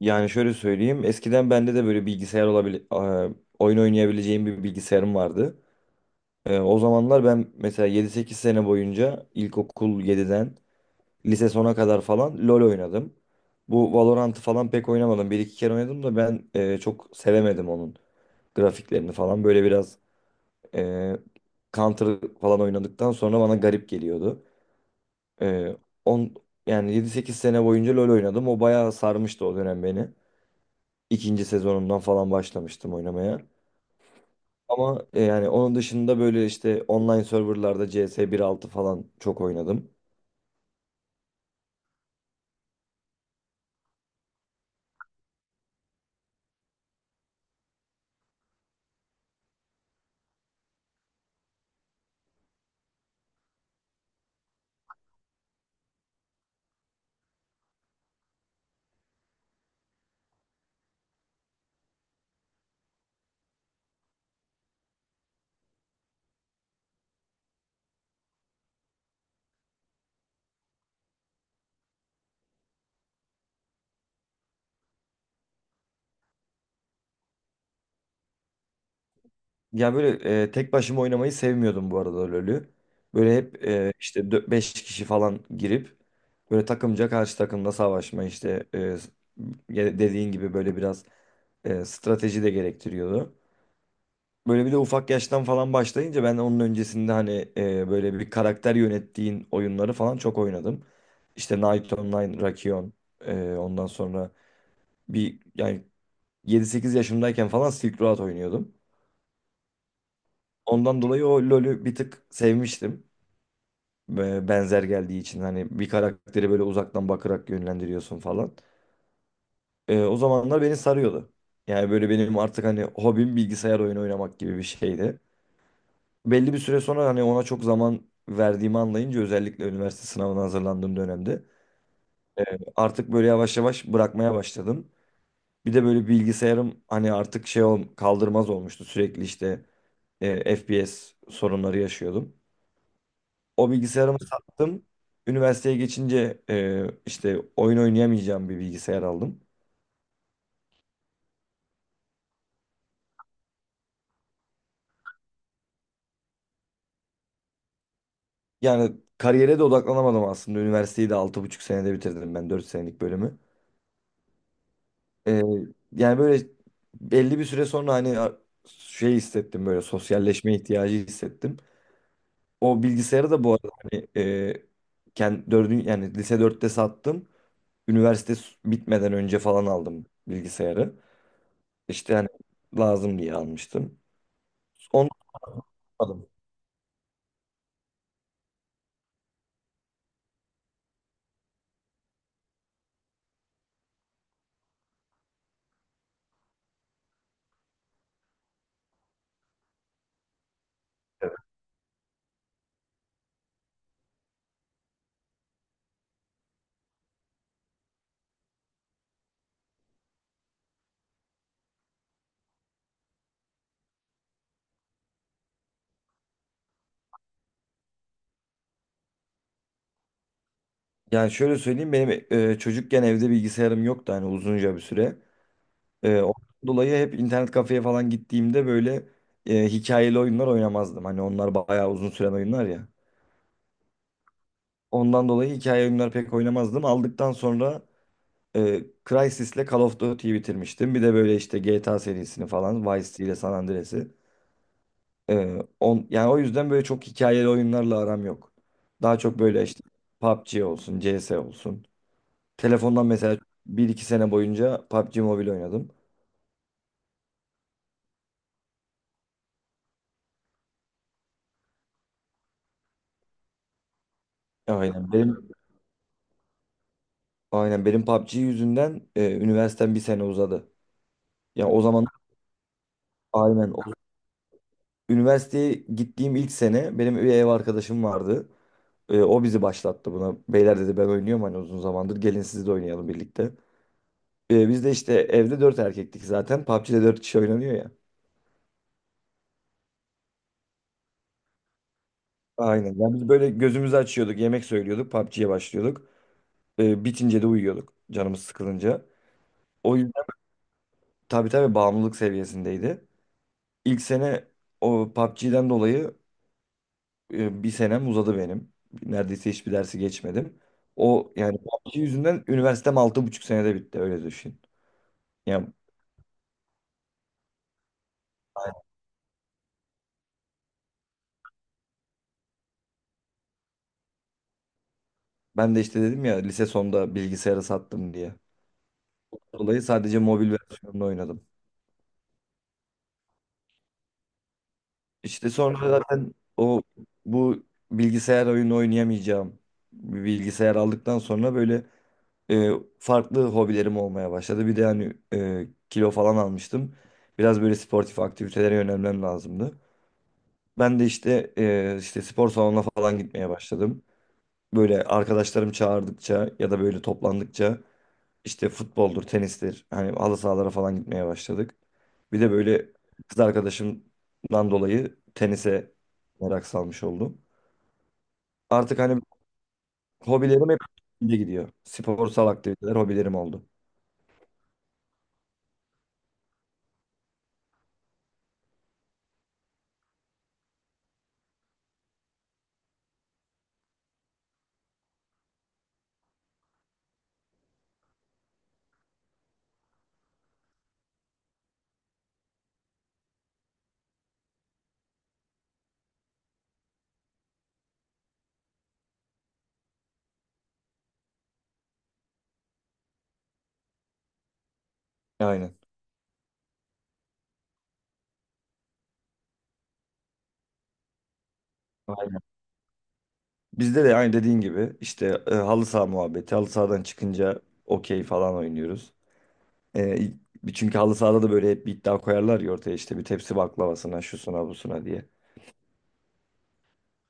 Yani şöyle söyleyeyim. Eskiden bende de böyle bilgisayar oyun oynayabileceğim bir bilgisayarım vardı. O zamanlar ben mesela 7-8 sene boyunca ilkokul 7'den lise sona kadar falan LoL oynadım. Bu Valorant'ı falan pek oynamadım. Bir iki kere oynadım da ben çok sevemedim onun grafiklerini falan. Böyle biraz e, Counter falan oynadıktan sonra bana garip geliyordu. E, on, yani 7-8 sene boyunca LoL oynadım. O bayağı sarmıştı o dönem beni. İkinci sezonundan falan başlamıştım oynamaya. Ama yani onun dışında böyle işte online serverlarda CS 1.6 falan çok oynadım. Yani böyle tek başıma oynamayı sevmiyordum bu arada LoL'ü. Böyle hep işte 5 kişi falan girip böyle takımca karşı takımda savaşma işte ya dediğin gibi böyle biraz strateji de gerektiriyordu. Böyle bir de ufak yaştan falan başlayınca ben onun öncesinde hani böyle bir karakter yönettiğin oyunları falan çok oynadım. İşte Knight Online, Rakion, ondan sonra bir yani 7-8 yaşımdayken falan Silk Road oynuyordum. Ondan dolayı o LoL'ü bir tık sevmiştim. Ve benzer geldiği için hani bir karakteri böyle uzaktan bakarak yönlendiriyorsun falan. O zamanlar beni sarıyordu. Yani böyle benim artık hani hobim bilgisayar oyunu oynamak gibi bir şeydi. Belli bir süre sonra hani ona çok zaman verdiğimi anlayınca özellikle üniversite sınavına hazırlandığım dönemde e, artık böyle yavaş yavaş bırakmaya başladım. Bir de böyle bilgisayarım hani artık kaldırmaz olmuştu, sürekli işte FPS sorunları yaşıyordum. O bilgisayarımı sattım. Üniversiteye geçince işte oyun oynayamayacağım bir bilgisayar aldım. Yani kariyere de odaklanamadım aslında. Üniversiteyi de 6,5 senede bitirdim ben 4 senelik bölümü. Ee, yani böyle belli bir süre sonra hani şey hissettim, böyle sosyalleşme ihtiyacı hissettim. O bilgisayarı da bu arada hani kendi dördün yani lise dörtte sattım. Bitmeden önce falan aldım bilgisayarı. İşte hani lazım diye almıştım. Onu aldım. Yani şöyle söyleyeyim, benim çocukken evde bilgisayarım yoktu hani uzunca bir süre. Ondan dolayı hep internet kafeye falan gittiğimde böyle hikayeli oyunlar oynamazdım. Hani onlar bayağı uzun süren oyunlar ya. Ondan dolayı hikaye oyunları pek oynamazdım. Aldıktan sonra e, Crysis'le Call of Duty'yi bitirmiştim. Bir de böyle işte GTA serisini falan, Vice City ile San Andreas'ı. Yani o yüzden böyle çok hikayeli oyunlarla aram yok. Daha çok böyle işte PUBG olsun, CS olsun. Telefondan mesela bir iki sene boyunca PUBG Mobile oynadım. Aynen benim aynen benim PUBG yüzünden üniversitem bir sene uzadı. Yani o zaman aynen o- üniversiteye gittiğim ilk sene benim bir ev arkadaşım vardı. O bizi başlattı buna. Beyler dedi, ben oynuyorum hani uzun zamandır. Gelin siz de oynayalım birlikte. Biz de işte evde dört erkektik zaten. PUBG'de dört kişi oynanıyor ya. Aynen. Yani biz böyle gözümüzü açıyorduk, yemek söylüyorduk, PUBG'ye başlıyorduk. Bitince de uyuyorduk canımız sıkılınca. O yüzden tabii tabii bağımlılık seviyesindeydi. İlk sene o PUBG'den dolayı bir senem uzadı benim. Neredeyse hiçbir dersi geçmedim. O yani PUBG yüzünden üniversitem 6,5 senede bitti öyle düşün. Yani ben de işte dedim ya lise sonunda bilgisayarı sattım diye. Dolayı sadece mobil versiyonunu oynadım. İşte sonra zaten o bu bilgisayar oyunu oynayamayacağım bir bilgisayar aldıktan sonra böyle e, farklı hobilerim olmaya başladı. Bir de hani kilo falan almıştım. Biraz böyle sportif aktivitelere yönelmem lazımdı. Ben de işte işte spor salonuna falan gitmeye başladım. Böyle arkadaşlarım çağırdıkça ya da böyle toplandıkça İşte futboldur, tenistir. Hani halı sahalara falan gitmeye başladık. Bir de böyle kız arkadaşımdan dolayı tenise merak salmış oldum. Artık hani hobilerim hep de gidiyor. Sporsal aktiviteler hobilerim oldu. Aynen. Aynen. Bizde de aynı dediğin gibi işte halı saha muhabbeti. Halı sahadan çıkınca okey falan oynuyoruz. E, Çünkü halı sahada da böyle hep bir iddia koyarlar ya ortaya, işte bir tepsi baklavasına, şusuna, busuna diye.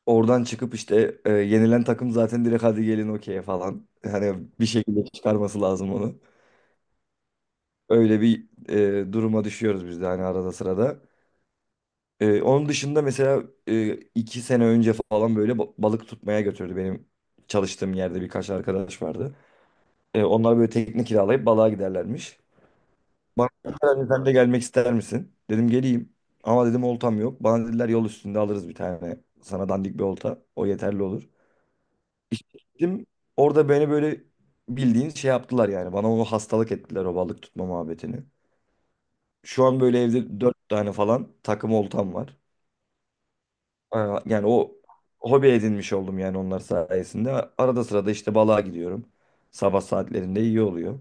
Oradan çıkıp işte yenilen takım zaten direkt hadi gelin okey falan. Hani bir şekilde çıkarması lazım onu. Öyle bir duruma düşüyoruz biz de hani arada sırada. Onun dışında mesela 2 sene önce falan böyle balık tutmaya götürdü. Benim çalıştığım yerde birkaç arkadaş vardı. Onlar böyle tekne kiralayıp balığa giderlermiş. Bana dediler, "Hani sen de gelmek ister misin?" Dedim geleyim. Ama dedim oltam yok. Bana dediler yol üstünde alırız bir tane. Sana dandik bir olta. O yeterli olur. İşte gittim. Orada beni böyle bildiğin şey yaptılar yani. Bana onu hastalık ettiler, o balık tutma muhabbetini. Şu an böyle evde dört tane falan takım oltam var. Aa, yani o hobi edinmiş oldum yani onlar sayesinde. Arada sırada işte balığa gidiyorum. Sabah saatlerinde iyi oluyor.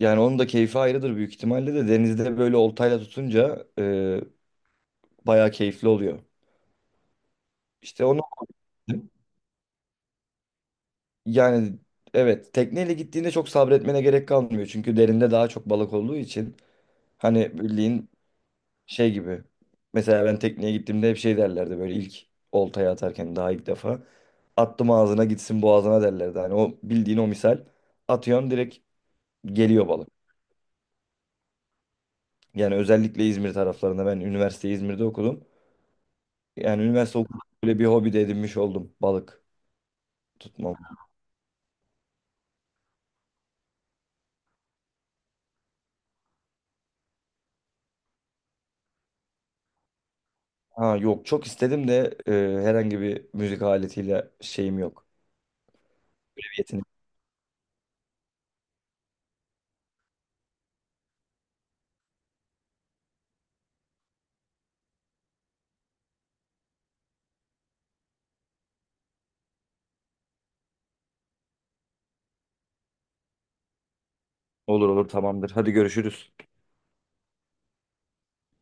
Yani onun da keyfi ayrıdır büyük ihtimalle, de denizde böyle oltayla tutunca bayağı keyifli oluyor. İşte onu yani evet, tekneyle gittiğinde çok sabretmene gerek kalmıyor. Çünkü derinde daha çok balık olduğu için. Hani bildiğin şey gibi. Mesela ben tekneye gittiğimde hep şey derlerdi böyle, ilk oltayı atarken daha ilk defa. Attım ağzına gitsin, boğazına derlerdi. Hani o bildiğin o misal, atıyorsun direkt geliyor balık. Yani özellikle İzmir taraflarında, ben üniversiteyi İzmir'de okudum. Yani üniversite okudum böyle bir hobi de edinmiş oldum, balık tutmam. Ha yok, çok istedim de herhangi bir müzik aletiyle şeyim yok. Yeteneğim. Olur olur, tamamdır. Hadi görüşürüz.